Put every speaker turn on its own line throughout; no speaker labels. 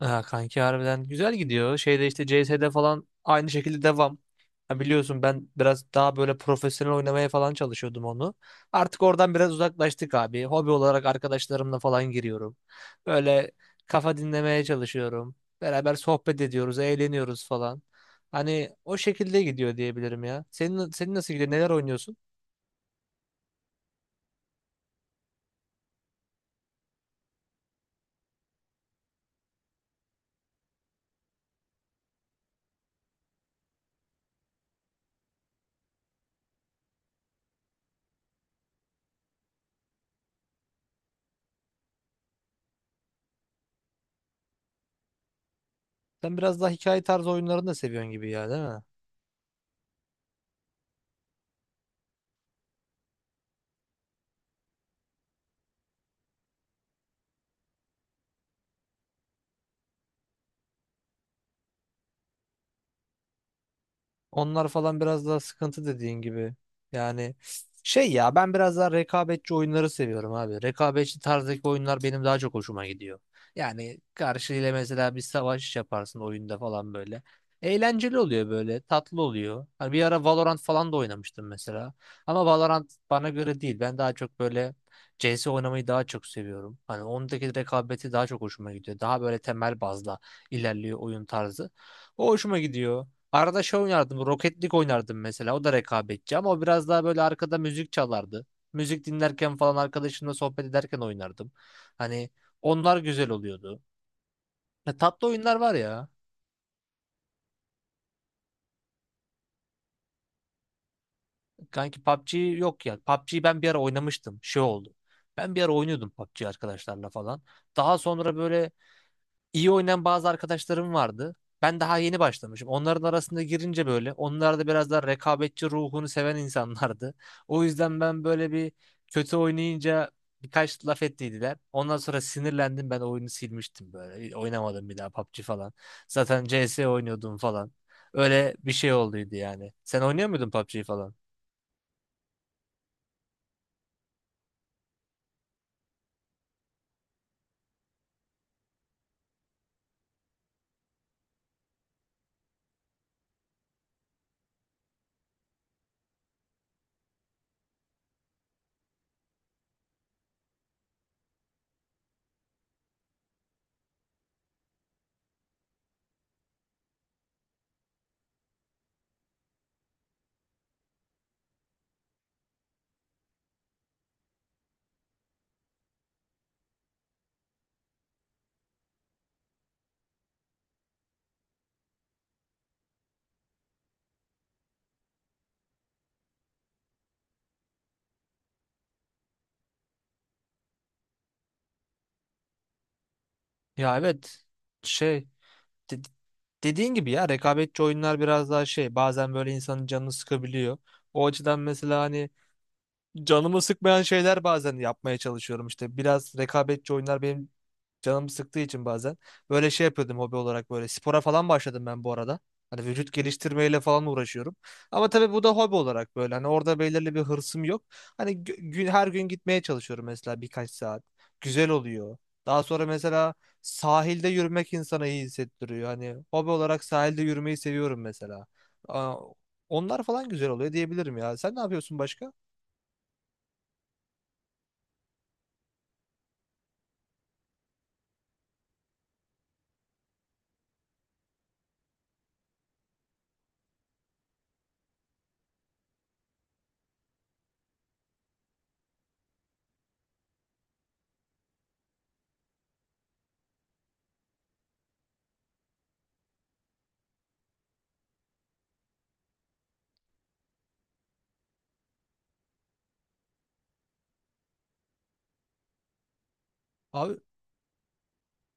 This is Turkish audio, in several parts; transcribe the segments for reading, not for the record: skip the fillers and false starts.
Ha, kanki harbiden güzel gidiyor. Şeyde işte CS'de falan aynı şekilde devam. Ha, biliyorsun ben biraz daha böyle profesyonel oynamaya falan çalışıyordum onu. Artık oradan biraz uzaklaştık abi. Hobi olarak arkadaşlarımla falan giriyorum. Böyle kafa dinlemeye çalışıyorum. Beraber sohbet ediyoruz, eğleniyoruz falan. Hani o şekilde gidiyor diyebilirim ya. Senin nasıl gidiyor? Neler oynuyorsun? Sen biraz daha hikaye tarzı oyunlarını da seviyorsun gibi ya, değil mi? Onlar falan biraz daha sıkıntı dediğin gibi. Yani şey ya ben biraz daha rekabetçi oyunları seviyorum abi. Rekabetçi tarzdaki oyunlar benim daha çok hoşuma gidiyor. Yani karşıyla mesela bir savaş yaparsın oyunda falan böyle. Eğlenceli oluyor böyle, tatlı oluyor. Hani bir ara Valorant falan da oynamıştım mesela. Ama Valorant bana göre değil. Ben daha çok böyle CS oynamayı daha çok seviyorum. Hani ondaki rekabeti daha çok hoşuma gidiyor. Daha böyle temel bazla ilerliyor oyun tarzı. O hoşuma gidiyor. Arada şey oynardım. Rocket League oynardım mesela. O da rekabetçi ama o biraz daha böyle arkada müzik çalardı. Müzik dinlerken falan arkadaşımla sohbet ederken oynardım. Hani onlar güzel oluyordu. Ya tatlı oyunlar var ya. Kanki PUBG yok ya. PUBG'yi ben bir ara oynamıştım. Şey oldu. Ben bir ara oynuyordum PUBG arkadaşlarla falan. Daha sonra böyle İyi oynayan bazı arkadaşlarım vardı. Ben daha yeni başlamışım. Onların arasında girince böyle onlar da biraz daha rekabetçi ruhunu seven insanlardı. O yüzden ben böyle bir kötü oynayınca birkaç laf ettiydiler. Ondan sonra sinirlendim ben oyunu silmiştim böyle. Oynamadım bir daha PUBG falan. Zaten CS oynuyordum falan. Öyle bir şey olduydu yani. Sen oynuyor muydun PUBG falan? Ya evet. Şey de- dediğin gibi ya rekabetçi oyunlar biraz daha şey bazen böyle insanın canını sıkabiliyor. O açıdan mesela hani canımı sıkmayan şeyler bazen yapmaya çalışıyorum işte. Biraz rekabetçi oyunlar benim canım sıktığı için bazen. Böyle şey yapıyordum hobi olarak böyle. Spora falan başladım ben bu arada. Hani vücut geliştirmeyle falan uğraşıyorum. Ama tabii bu da hobi olarak böyle. Hani orada belirli bir hırsım yok. Hani gün, her gün gitmeye çalışıyorum mesela birkaç saat. Güzel oluyor. Daha sonra mesela sahilde yürümek insana iyi hissettiriyor. Hani hobi olarak sahilde yürümeyi seviyorum mesela. Aa, onlar falan güzel oluyor diyebilirim ya. Sen ne yapıyorsun başka? Abi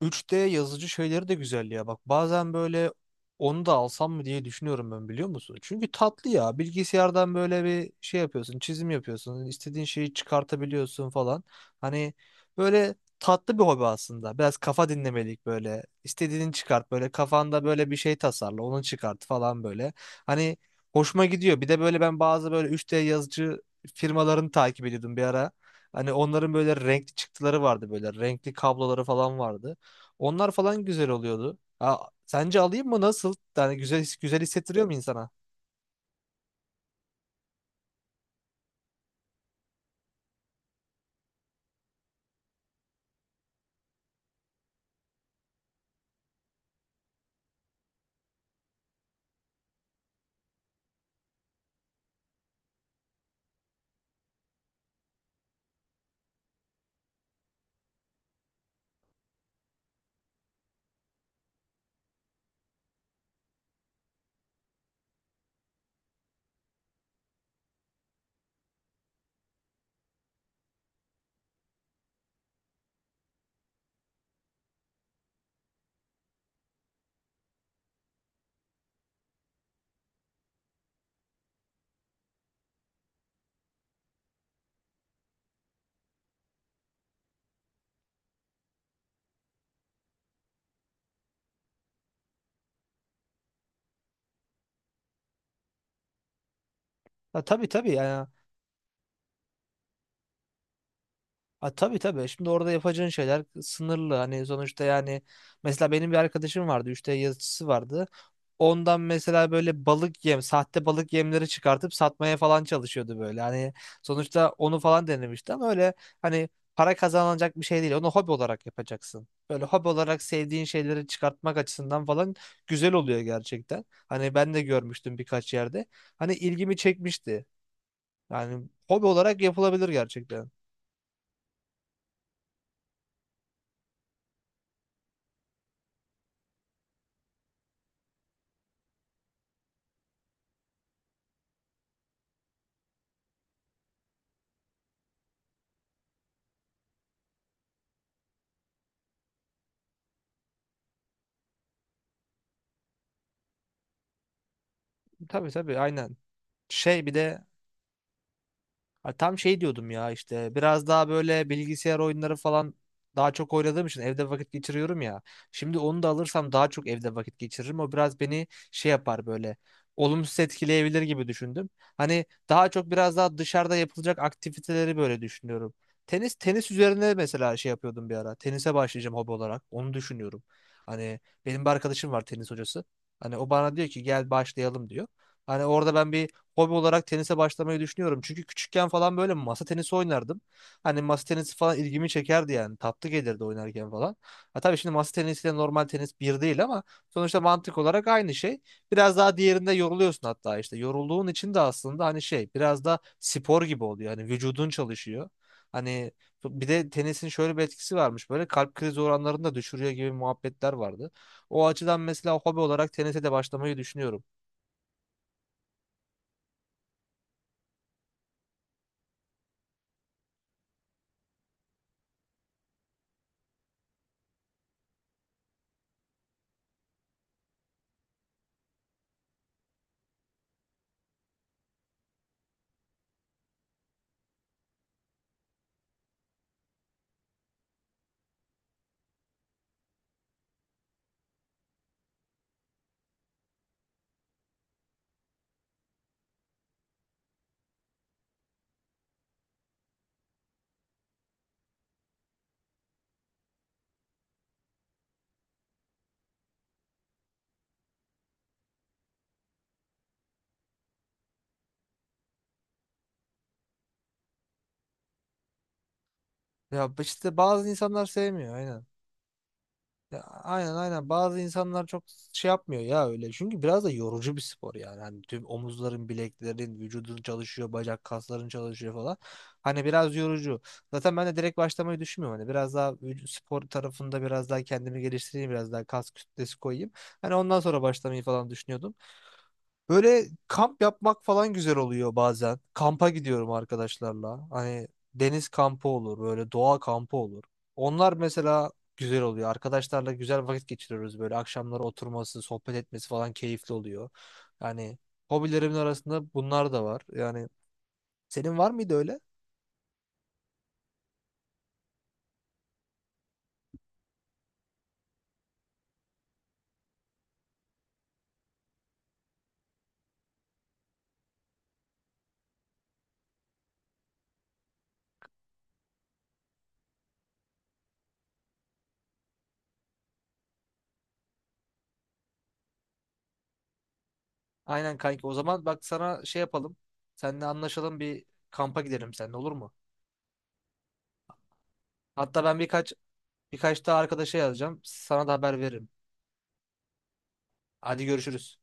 3D yazıcı şeyleri de güzel ya. Bak bazen böyle onu da alsam mı diye düşünüyorum ben biliyor musun? Çünkü tatlı ya. Bilgisayardan böyle bir şey yapıyorsun, çizim yapıyorsun, istediğin şeyi çıkartabiliyorsun falan. Hani böyle tatlı bir hobi aslında. Biraz kafa dinlemelik böyle. İstediğini çıkart böyle kafanda böyle bir şey tasarla, onu çıkart falan böyle. Hani hoşuma gidiyor. Bir de böyle ben bazı böyle 3D yazıcı firmalarını takip ediyordum bir ara. Hani onların böyle renkli çıktıları vardı böyle renkli kabloları falan vardı. Onlar falan güzel oluyordu. Ha, sence alayım mı nasıl? Yani güzel güzel hissettiriyor mu insana? Ha, tabii tabii yani. Ha, tabii tabii. Şimdi orada yapacağın şeyler sınırlı. Hani sonuçta yani mesela benim bir arkadaşım vardı. 3D yazıcısı vardı. Ondan mesela böyle balık yem, sahte balık yemleri çıkartıp satmaya falan çalışıyordu böyle. Hani sonuçta onu falan denemişti ama öyle hani para kazanılacak bir şey değil. Onu hobi olarak yapacaksın. Böyle hobi olarak sevdiğin şeyleri çıkartmak açısından falan güzel oluyor gerçekten. Hani ben de görmüştüm birkaç yerde. Hani ilgimi çekmişti. Yani hobi olarak yapılabilir gerçekten. Tabii tabii aynen. Şey bir de ha, tam şey diyordum ya işte biraz daha böyle bilgisayar oyunları falan daha çok oynadığım için evde vakit geçiriyorum ya. Şimdi onu da alırsam daha çok evde vakit geçiririm. O biraz beni şey yapar böyle olumsuz etkileyebilir gibi düşündüm. Hani daha çok biraz daha dışarıda yapılacak aktiviteleri böyle düşünüyorum. Tenis üzerine mesela şey yapıyordum bir ara. Tenise başlayacağım hobi olarak. Onu düşünüyorum. Hani benim bir arkadaşım var tenis hocası. Hani o bana diyor ki gel başlayalım diyor. Hani orada ben bir hobi olarak tenise başlamayı düşünüyorum. Çünkü küçükken falan böyle masa tenisi oynardım. Hani masa tenisi falan ilgimi çekerdi yani. Tatlı gelirdi oynarken falan. Ha tabii şimdi masa tenisiyle normal tenis bir değil ama sonuçta mantık olarak aynı şey. Biraz daha diğerinde yoruluyorsun hatta işte. Yorulduğun için de aslında hani şey biraz da spor gibi oluyor. Hani vücudun çalışıyor. Hani bir de tenisin şöyle bir etkisi varmış. Böyle kalp krizi oranlarını da düşürüyor gibi muhabbetler vardı. O açıdan mesela hobi olarak tenise de başlamayı düşünüyorum. Ya işte bazı insanlar sevmiyor aynen. Ya aynen aynen bazı insanlar çok şey yapmıyor ya öyle. Çünkü biraz da yorucu bir spor yani. Hani tüm omuzların, bileklerin, vücudun çalışıyor, bacak kasların çalışıyor falan. Hani biraz yorucu. Zaten ben de direkt başlamayı düşünmüyorum. Hani biraz daha vücut spor tarafında biraz daha kendimi geliştireyim, biraz daha kas kütlesi koyayım. Hani ondan sonra başlamayı falan düşünüyordum. Böyle kamp yapmak falan güzel oluyor bazen. Kampa gidiyorum arkadaşlarla. Hani deniz kampı olur, böyle doğa kampı olur. Onlar mesela güzel oluyor. Arkadaşlarla güzel vakit geçiriyoruz böyle. Akşamları oturması, sohbet etmesi falan keyifli oluyor. Yani hobilerimin arasında bunlar da var. Yani senin var mıydı öyle? Aynen kanki. O zaman bak sana şey yapalım. Seninle anlaşalım bir kampa gidelim seninle olur mu? Hatta ben birkaç daha arkadaşa yazacağım. Sana da haber veririm. Hadi görüşürüz.